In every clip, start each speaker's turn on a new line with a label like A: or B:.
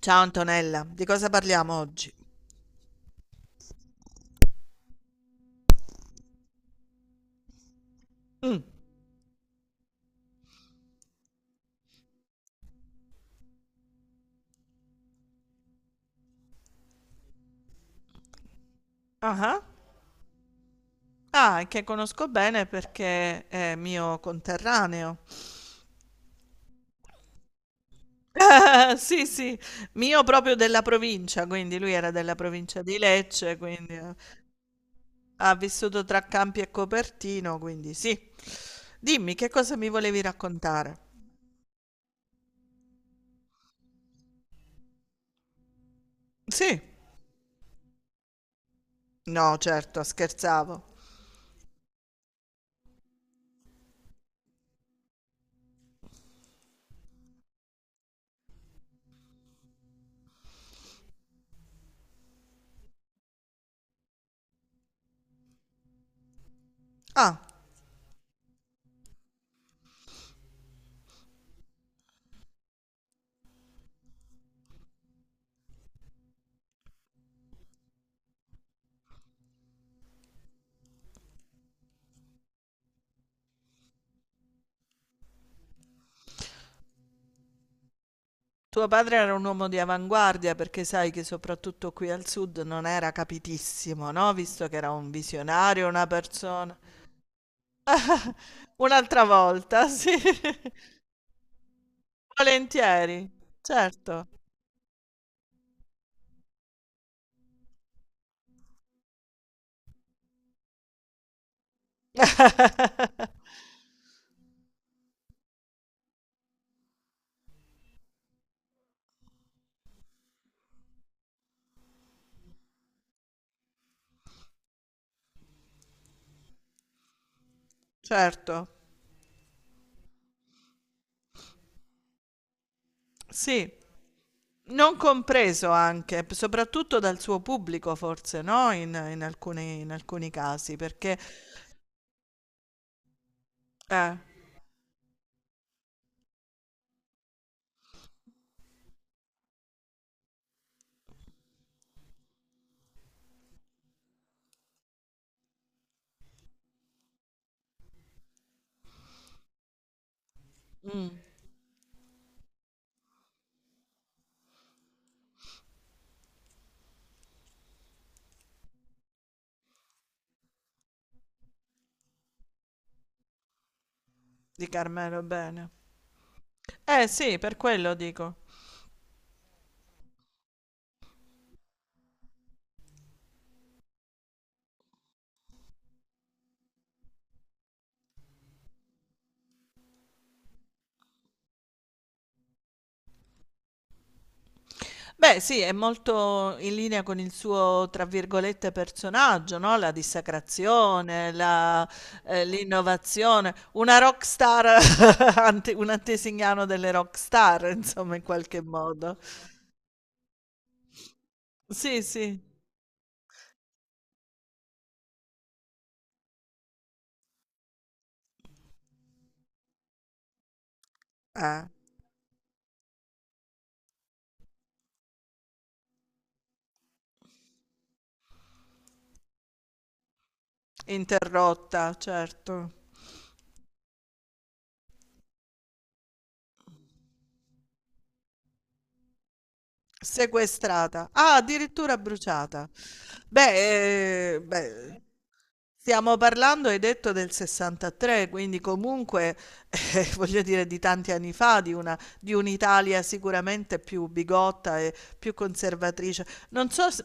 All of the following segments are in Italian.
A: Ciao Antonella, di cosa parliamo oggi? Ah, ah, che conosco bene perché è mio conterraneo. Sì, sì, mio proprio della provincia, quindi lui era della provincia di Lecce, quindi. Ha vissuto tra Campi e Copertino, quindi sì. Dimmi, che cosa mi volevi raccontare? Sì. No, certo, scherzavo. Ah, tuo padre era un uomo di avanguardia perché sai che soprattutto qui al sud non era capitissimo, no, visto che era un visionario, una persona... Un'altra volta, sì. Volentieri, certo. Certo, sì, non compreso anche, p soprattutto dal suo pubblico forse, no, in alcuni casi, perché eh, di Carmelo Bene. Eh sì, per quello dico. Beh, sì, è molto in linea con il suo, tra virgolette, "personaggio", no, la dissacrazione, la l'innovazione, una rock star, ante un antesignano delle rock star, insomma, in qualche modo. Sì, sì. Eh, interrotta, certo. Sequestrata. Ah, addirittura bruciata. Beh, beh, stiamo parlando, hai detto, del '63, quindi comunque, voglio dire, di tanti anni fa, di una, di un'Italia sicuramente più bigotta e più conservatrice. Non so se-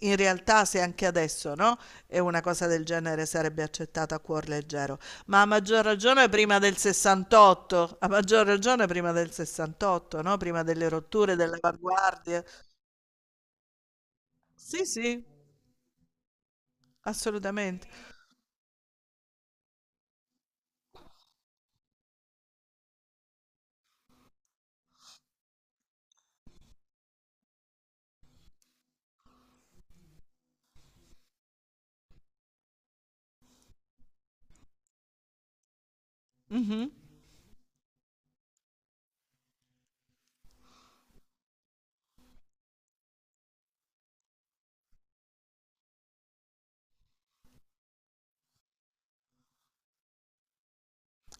A: In realtà se anche adesso, no? E una cosa del genere sarebbe accettata a cuor leggero. Ma a maggior ragione prima del 68, a maggior ragione prima del 68, no? Prima delle rotture, delle avanguardie. Sì, sì, assolutamente. Mhm.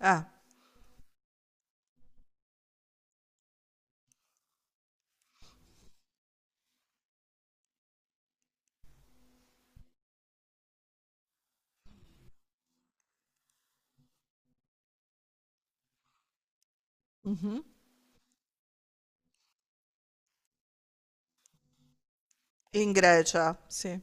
A: Ah, mhm. In Grecia, sì.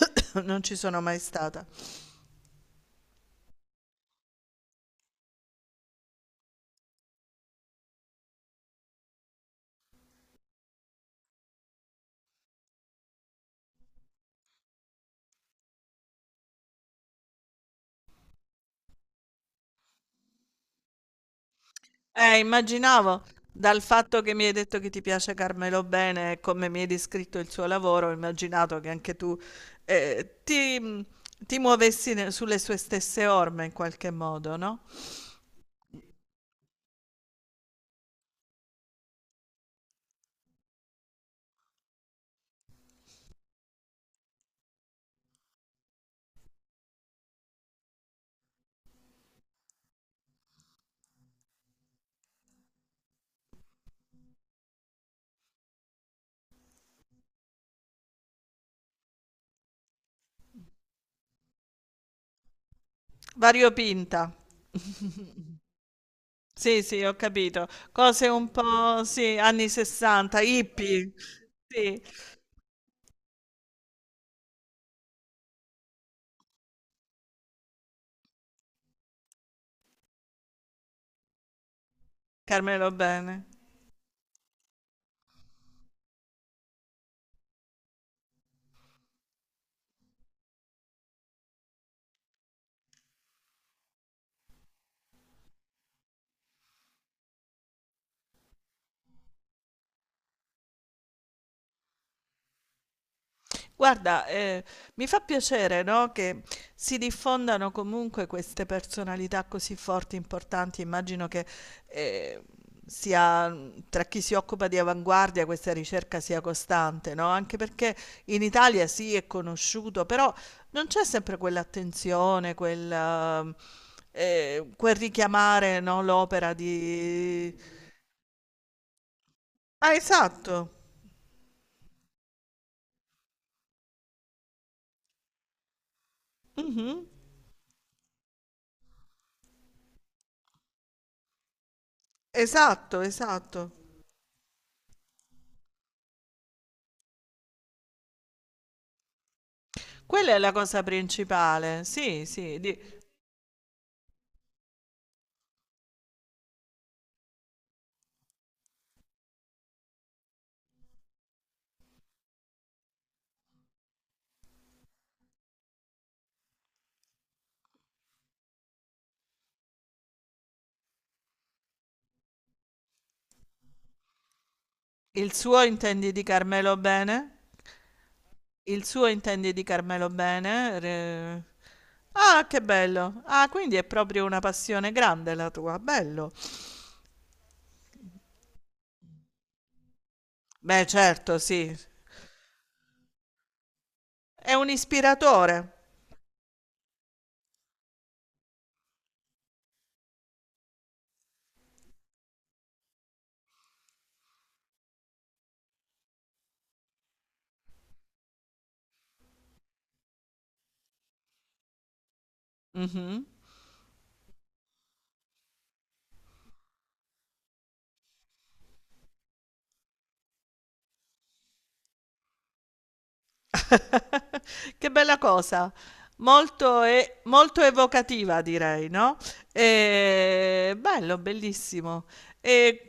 A: Non ci sono mai stata. Immaginavo, dal fatto che mi hai detto che ti piace Carmelo Bene e come mi hai descritto il suo lavoro, ho immaginato che anche tu eh, ti, ti sulle sue stesse orme in qualche modo, no? Variopinta. Sì, sì, ho capito. Cose un po' sì, anni 60, hippie. Sì, Carmelo Bene. Guarda, mi fa piacere, no, che si diffondano comunque queste personalità così forti, importanti. Immagino che, ehm, sia tra chi si occupa di avanguardia questa ricerca sia costante, no, anche perché in Italia sì, è conosciuto, però non c'è sempre quell'attenzione, quel quel richiamare, no, l'opera di... Ah, esatto. Mh-mh. Esatto, esatto. Quella è la cosa principale, sì, sì. Di... Il suo intendi di Carmelo Bene? Il suo intendi di Carmelo Bene? Re- Ah, che bello. Ah, quindi è proprio una passione grande la tua, bello. Beh, certo, sì. È un ispiratore. Mhm. Che bella cosa. Molto, e- molto evocativa, direi, no? E... Bello, bellissimo. E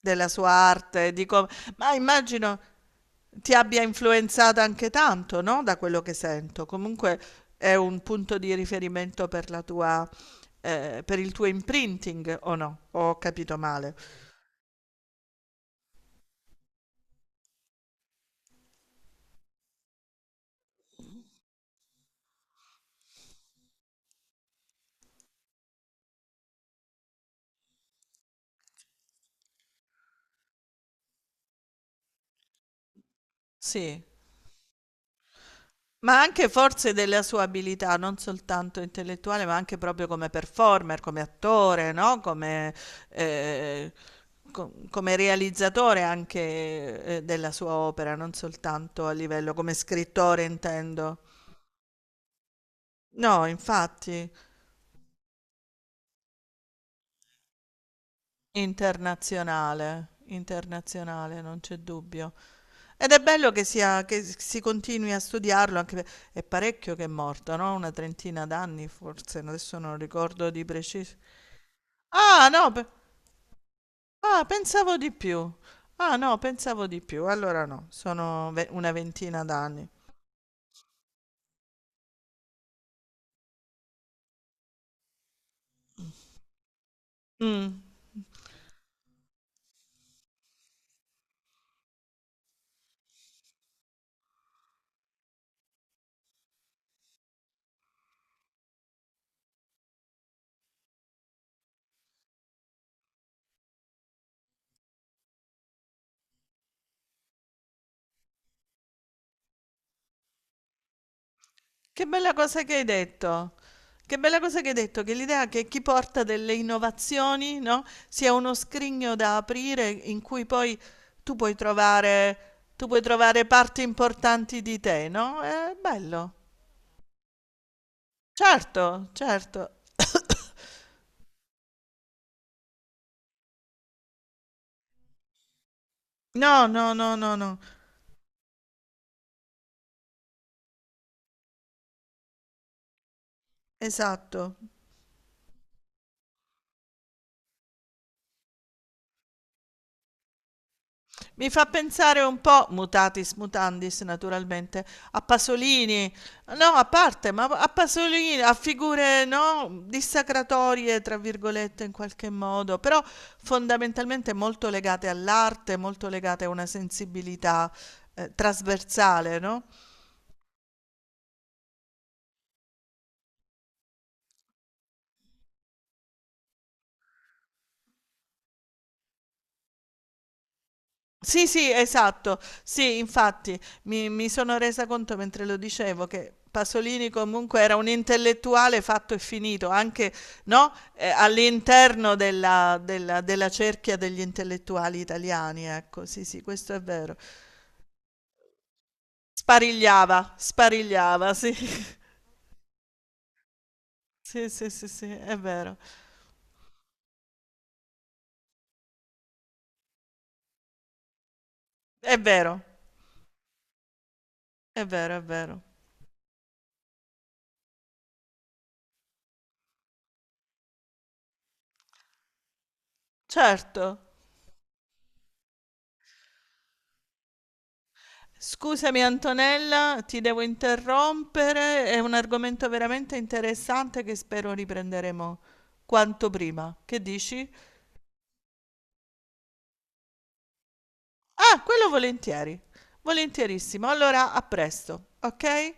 A: della sua arte, di com-... Ma immagino ti abbia influenzata anche tanto, no, da quello che sento. Comunque è un punto di riferimento per la tua, per il tuo imprinting, o no? Ho capito male. Sì, ma anche forse della sua abilità, non soltanto intellettuale, ma anche proprio come performer, come attore, no? Eh, Come realizzatore anche, della sua opera, non soltanto a livello come scrittore, intendo. No, infatti. Internazionale, internazionale, non c'è dubbio. Ed è bello che sia, che si continui a studiarlo, anche per-... È parecchio che è morto, no? Una trentina d'anni forse, adesso non ricordo di preciso. Ah, no, pe- Ah, pensavo di più. Ah, no, pensavo di più. Allora no, una ventina d'anni. Mm. Che bella cosa che hai detto. Che bella cosa che hai detto, che l'idea che chi porta delle innovazioni, no, sia uno scrigno da aprire in cui poi tu puoi trovare tu puoi trovare parti importanti di te, no, è bello. Certo, certo. No, no, no, no, no. Esatto. Mi fa pensare un po', mutatis mutandis naturalmente, a Pasolini, no, a parte, ma a Pasolini, a figure, no, dissacratorie, tra virgolette, in qualche modo, però fondamentalmente molto legate all'arte, molto legate a una sensibilità, trasversale, no? Sì, sì, esatto. Sì, infatti mi sono resa conto mentre lo dicevo che Pasolini comunque era un intellettuale fatto e finito, anche, no, all'interno della cerchia degli intellettuali italiani, ecco. Sì, sì, questo è vero. Sparigliava, sparigliava, sì. Sì, sì, sì, sì, è vero. È vero, è vero, è vero. Certo. Scusami Antonella, ti devo interrompere, è un argomento veramente interessante che spero riprenderemo quanto prima. Che dici? Ah, quello volentieri, volentierissimo. Allora, a presto, ok?